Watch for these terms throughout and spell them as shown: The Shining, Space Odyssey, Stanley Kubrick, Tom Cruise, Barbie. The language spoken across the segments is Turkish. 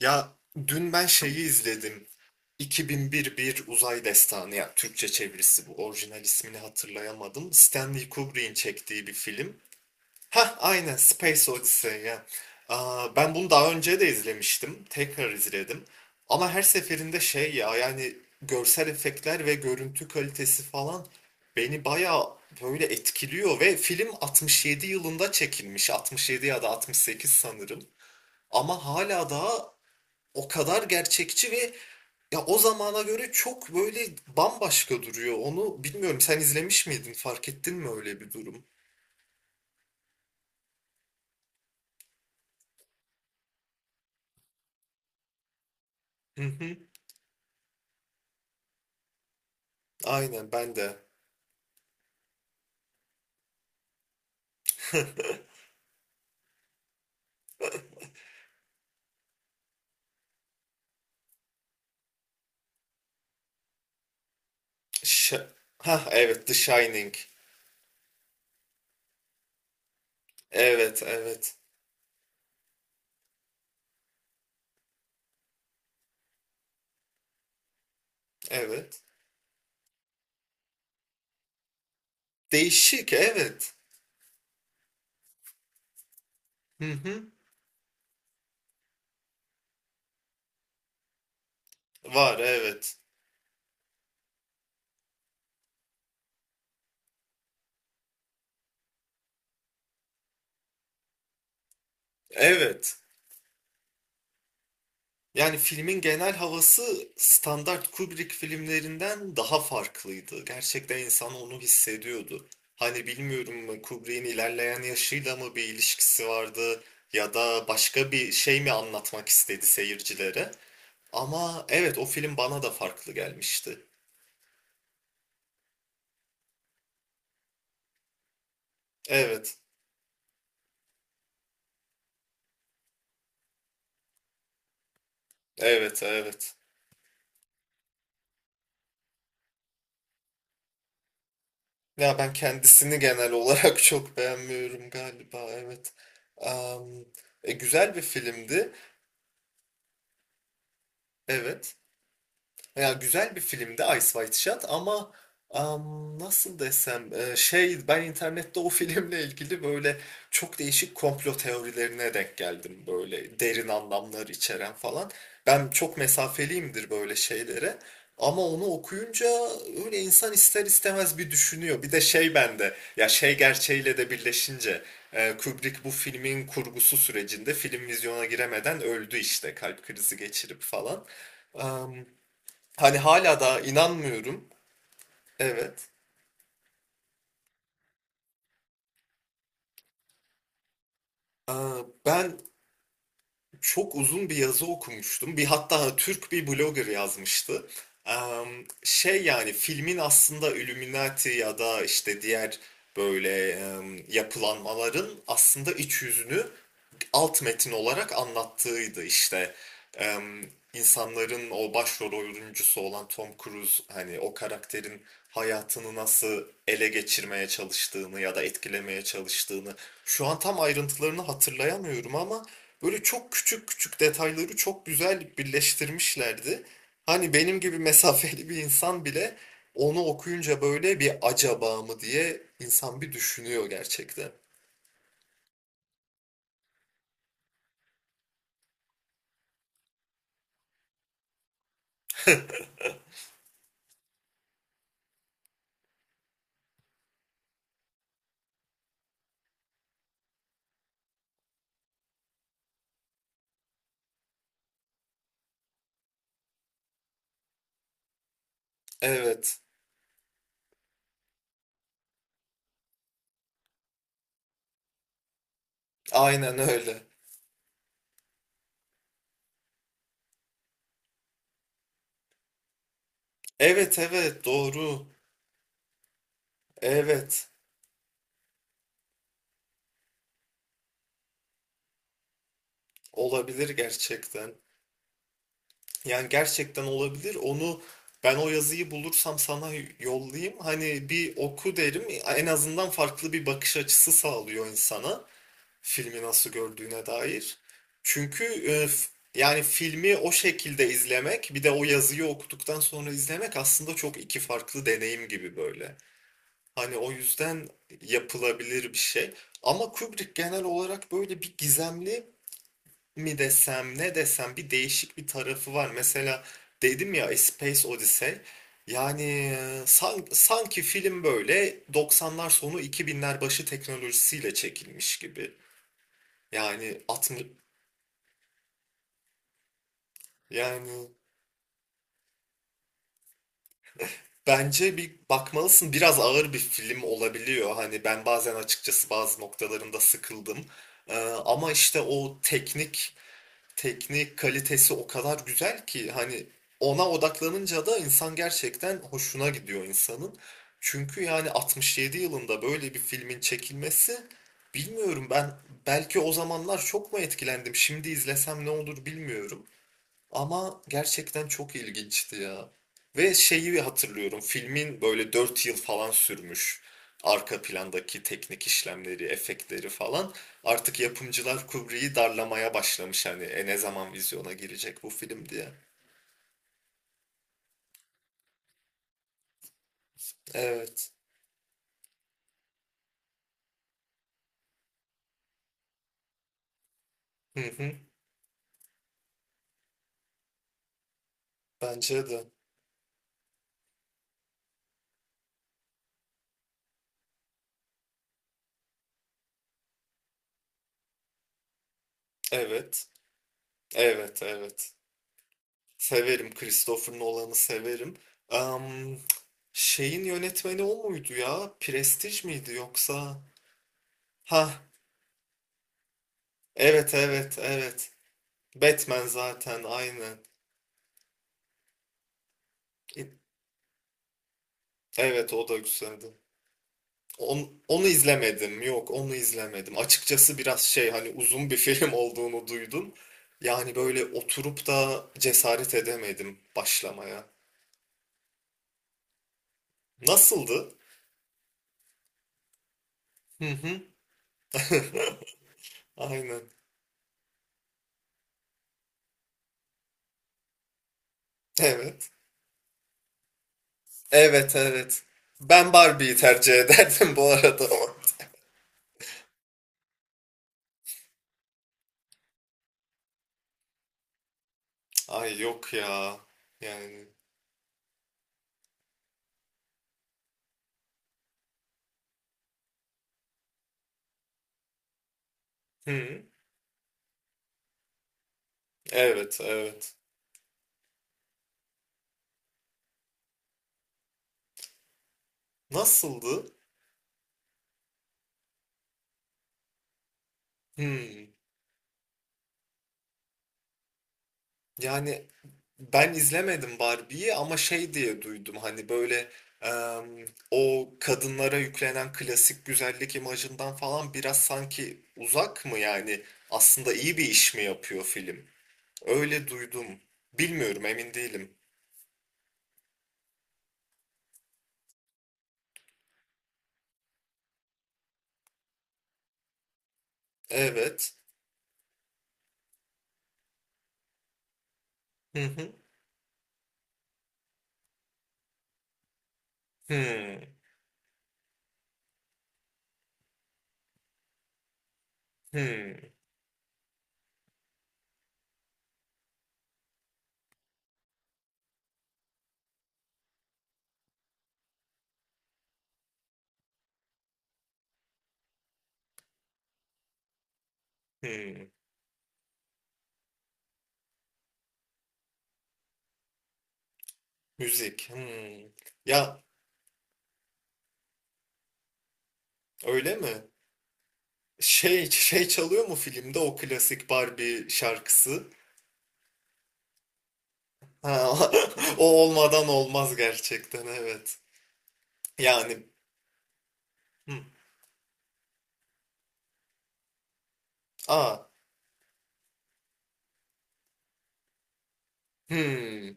Ya dün ben şeyi izledim. 2001 Bir Uzay Destanı, ya Türkçe çevirisi bu. Orijinal ismini hatırlayamadım. Stanley Kubrick'in çektiği bir film. Hah, aynen, Space Odyssey ya. Aa, ben bunu daha önce de izlemiştim. Tekrar izledim. Ama her seferinde şey ya, yani görsel efektler ve görüntü kalitesi falan beni bayağı böyle etkiliyor ve film 67 yılında çekilmiş. 67 ya da 68 sanırım. Ama hala daha o kadar gerçekçi ve ya o zamana göre çok böyle bambaşka duruyor. Onu bilmiyorum. Sen izlemiş miydin? Fark ettin mi öyle bir durum? Hı hı. Aynen ben de. Ş ha, evet, The Shining. Evet, evet, evet. Değişik, evet. Hı hı. Var, evet. Evet. Yani filmin genel havası standart Kubrick filmlerinden daha farklıydı. Gerçekten insan onu hissediyordu. Hani bilmiyorum, Kubrick'in ilerleyen yaşıyla mı bir ilişkisi vardı ya da başka bir şey mi anlatmak istedi seyircilere. Ama evet, o film bana da farklı gelmişti. Evet, evet, evet. Ya ben kendisini genel olarak çok beğenmiyorum galiba, evet. Am, Güzel bir filmdi, evet. Ya güzel bir filmdi Ice White Shot, ama nasıl desem, şey, ben internette o filmle ilgili böyle çok değişik komplo teorilerine denk geldim, böyle derin anlamlar içeren falan. Ben çok mesafeliyimdir böyle şeylere, ama onu okuyunca öyle insan ister istemez bir düşünüyor. Bir de şey bende, ya şey gerçeğiyle de birleşince, Kubrick bu filmin kurgusu sürecinde film vizyona giremeden öldü işte, kalp krizi geçirip falan. Hani hala da inanmıyorum. Evet. Aa, ben çok uzun bir yazı okumuştum. Bir hatta, Türk bir blogger yazmıştı. Am, Şey, yani filmin aslında Illuminati ya da işte diğer böyle yapılanmaların aslında iç yüzünü alt metin olarak anlattığıydı işte. Em, insanların o başrol oyuncusu olan Tom Cruise, hani o karakterin hayatını nasıl ele geçirmeye çalıştığını ya da etkilemeye çalıştığını şu an tam ayrıntılarını hatırlayamıyorum, ama böyle çok küçük küçük detayları çok güzel birleştirmişlerdi. Hani benim gibi mesafeli bir insan bile onu okuyunca böyle bir acaba mı diye insan bir düşünüyor gerçekten. Evet, aynen öyle. Evet, evet, doğru. Evet, olabilir gerçekten. Yani gerçekten olabilir. Ben o yazıyı bulursam sana yollayayım. Hani bir oku derim. En azından farklı bir bakış açısı sağlıyor insana, filmi nasıl gördüğüne dair. Çünkü yani filmi o şekilde izlemek bir de o yazıyı okuduktan sonra izlemek aslında çok iki farklı deneyim gibi böyle. Hani o yüzden yapılabilir bir şey. Ama Kubrick genel olarak böyle bir gizemli mi desem, ne desem, bir değişik bir tarafı var. Mesela dedim ya, A Space Odyssey. Yani sanki film böyle 90'lar sonu 2000'ler başı teknolojisiyle çekilmiş gibi. Yani 60, yani bence bir bakmalısın. Biraz ağır bir film olabiliyor. Hani ben bazen açıkçası bazı noktalarında sıkıldım. Ama işte o teknik kalitesi o kadar güzel ki, hani ona odaklanınca da insan gerçekten hoşuna gidiyor insanın. Çünkü yani 67 yılında böyle bir filmin çekilmesi, bilmiyorum, ben belki o zamanlar çok mu etkilendim, şimdi izlesem ne olur bilmiyorum. Ama gerçekten çok ilginçti ya. Ve şeyi hatırlıyorum. Filmin böyle 4 yıl falan sürmüş arka plandaki teknik işlemleri, efektleri falan. Artık yapımcılar Kubrick'i darlamaya başlamış, hani ne zaman vizyona girecek bu film diye. Evet. Hı hı. Bence de. Evet. Evet, evet. Severim. Christopher Nolan'ı severim. Am, Şeyin yönetmeni o muydu ya? Prestij miydi yoksa? Ha, evet, evet, evet. Batman, zaten aynen. Evet, o da güzeldi. Onu izlemedim. Yok, onu izlemedim. Açıkçası biraz şey, hani uzun bir film olduğunu duydum. Yani böyle oturup da cesaret edemedim başlamaya. Nasıldı? Hı hı. Aynen. Evet. Evet, evet. Ben Barbie'yi tercih ederdim bu arada. Ay yok ya. Yani. Hı. Evet, evet. Nasıldı? Hmm. Yani ben izlemedim Barbie'yi, ama şey diye duydum, hani böyle em, o kadınlara yüklenen klasik güzellik imajından falan biraz sanki uzak mı, yani aslında iyi bir iş mi yapıyor film? Öyle duydum. Bilmiyorum, emin değilim. Evet. Hı hı. Hmm, hmm, hmm. Müzik. Hmm. Ya öyle mi? Şey çalıyor mu filmde o klasik Barbie şarkısı? Ha, o olmadan olmaz gerçekten, evet. Yani, hmm. Aa. Hmm.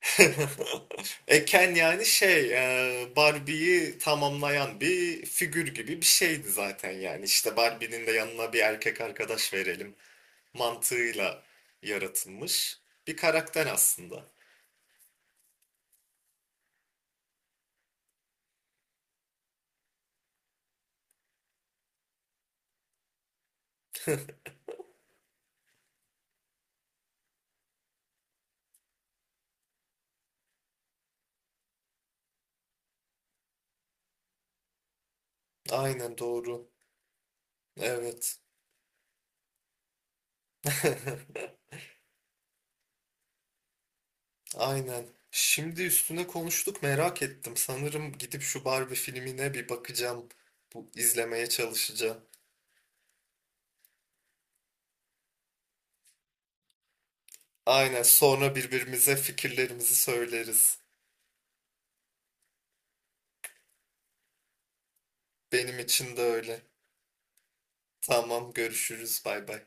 Eken, yani şey, Barbie'yi tamamlayan bir figür gibi bir şeydi zaten yani. İşte Barbie'nin de yanına bir erkek arkadaş verelim mantığıyla yaratılmış bir karakter aslında. Aynen doğru. Evet. Aynen. Şimdi üstüne konuştuk, merak ettim. Sanırım gidip şu Barbie filmine bir bakacağım. Bu izlemeye çalışacağım. Aynen, sonra birbirimize fikirlerimizi söyleriz. Benim için de öyle. Tamam, görüşürüz, bay bay.